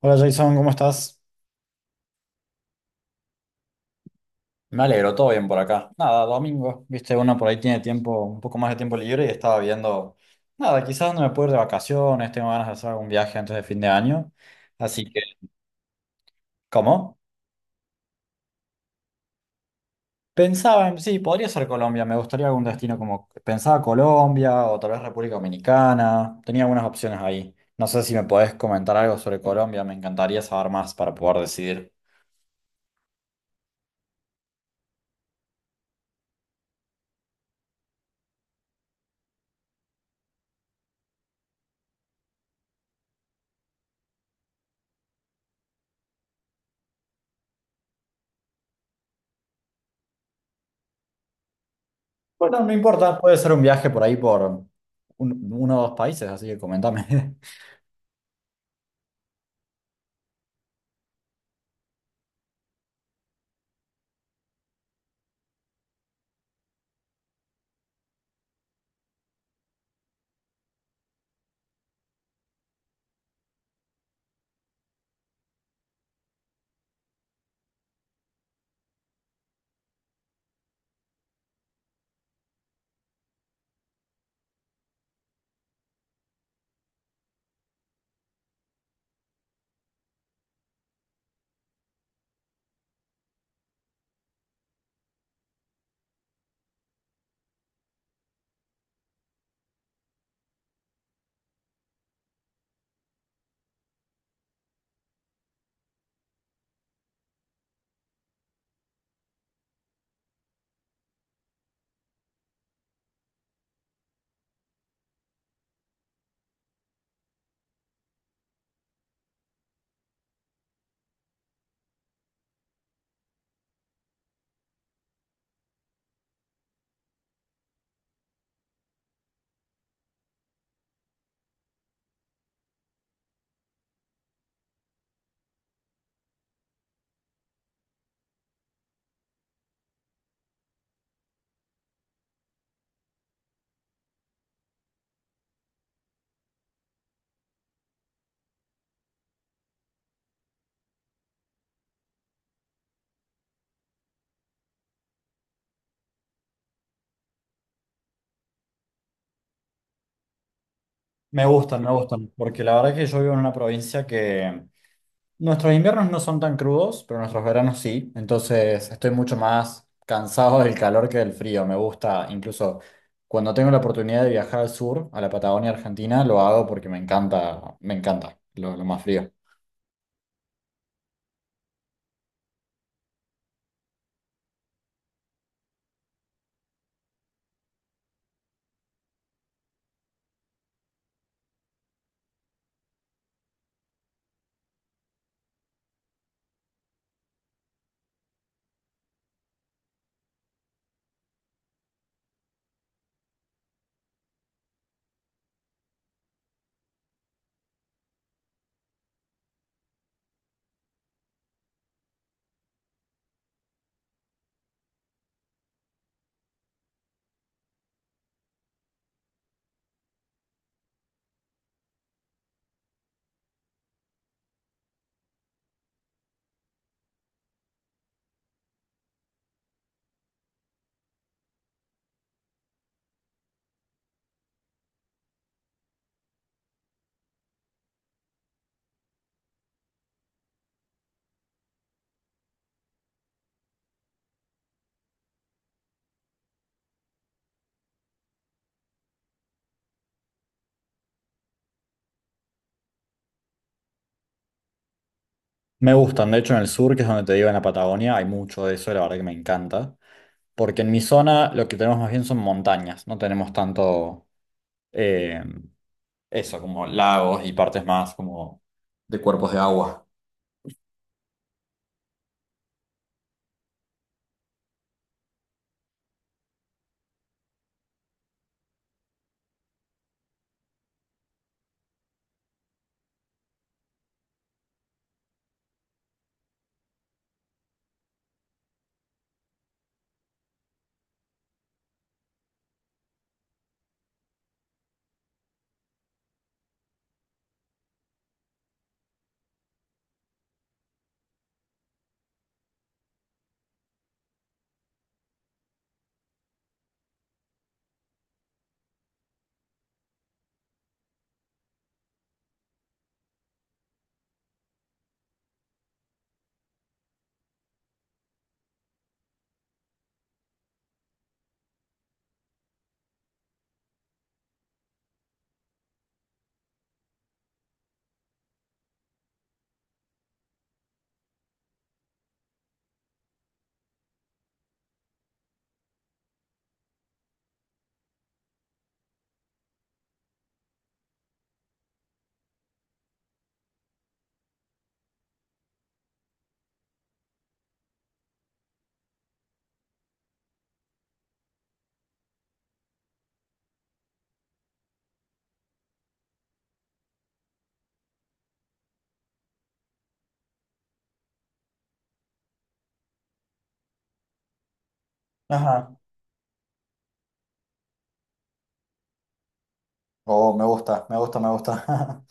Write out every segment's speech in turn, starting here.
Hola Jason, ¿cómo estás? Me alegro, todo bien por acá. Nada, domingo, viste, uno por ahí tiene tiempo, un poco más de tiempo libre y estaba viendo, nada, quizás no me puedo ir de vacaciones, tengo ganas de hacer algún viaje antes de fin de año. Así que, ¿cómo? Pensaba en, sí, podría ser Colombia, me gustaría algún destino como, pensaba Colombia o tal vez República Dominicana, tenía algunas opciones ahí. No sé si me podés comentar algo sobre Colombia, me encantaría saber más para poder decidir. Bueno, no importa, puede ser un viaje por ahí por uno o dos países, así que comentame. Me gustan, porque la verdad que yo vivo en una provincia que nuestros inviernos no son tan crudos, pero nuestros veranos sí, entonces estoy mucho más cansado del calor que del frío, me gusta, incluso cuando tengo la oportunidad de viajar al sur, a la Patagonia Argentina, lo hago porque me encanta lo más frío. Me gustan, de hecho en el sur, que es donde te digo, en la Patagonia, hay mucho de eso, la verdad que me encanta, porque en mi zona lo que tenemos más bien son montañas, no tenemos tanto... eh, eso, como lagos y partes más como de cuerpos de agua. Ajá. Oh, me gusta, me gusta, me gusta.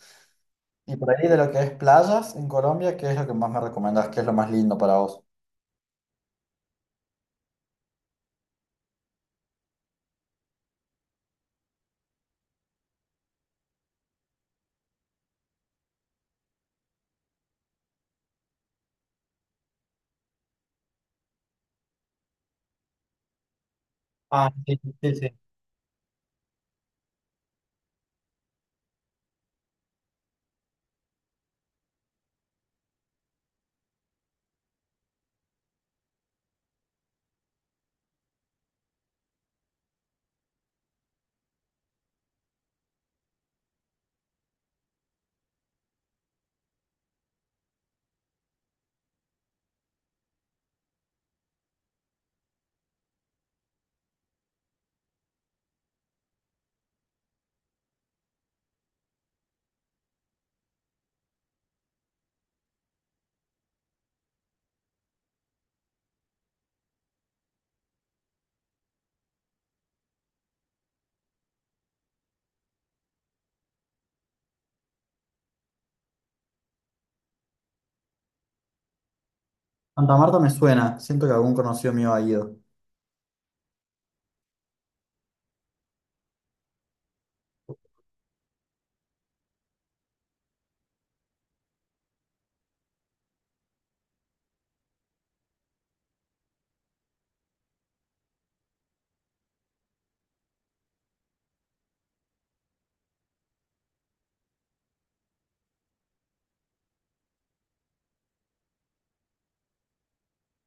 Y por ahí de lo que es playas en Colombia, ¿qué es lo que más me recomendás? ¿Qué es lo más lindo para vos? Ah, sí, sí, sí, sí. Santa Marta me suena. Siento que algún conocido mío ha ido.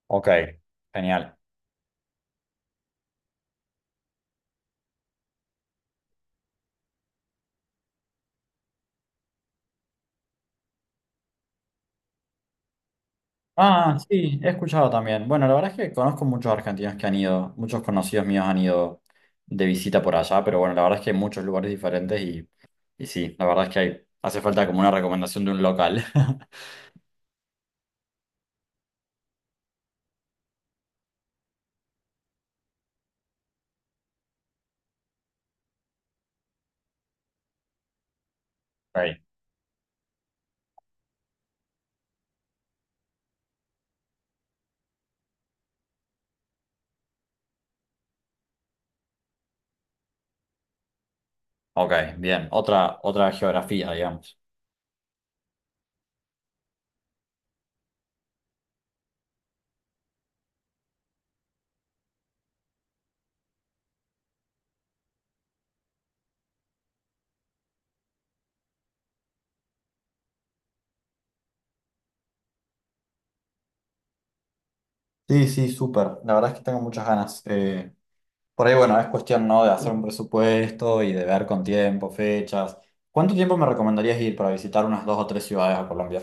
Ok, genial. Ah, sí, he escuchado también. Bueno, la verdad es que conozco muchos argentinos que han ido, muchos conocidos míos han ido de visita por allá, pero bueno, la verdad es que hay muchos lugares diferentes. Y sí, la verdad es que hay, hace falta como una recomendación de un local. Ok, ok, bien. Otra, otra geografía, digamos. Sí, sí, súper. La verdad es que tengo muchas ganas. Por ahí, bueno, es cuestión, ¿no? De hacer un presupuesto y de ver con tiempo, fechas. ¿Cuánto tiempo me recomendarías ir para visitar unas dos o tres ciudades a Colombia?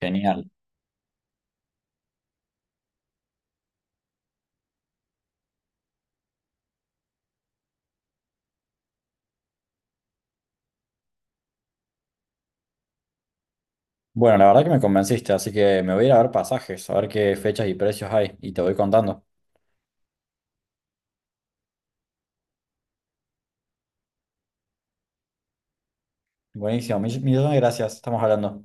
Genial. Bueno, la verdad que me convenciste, así que me voy a ir a ver pasajes, a ver qué fechas y precios hay, y te voy contando. Buenísimo, millones de gracias, estamos hablando.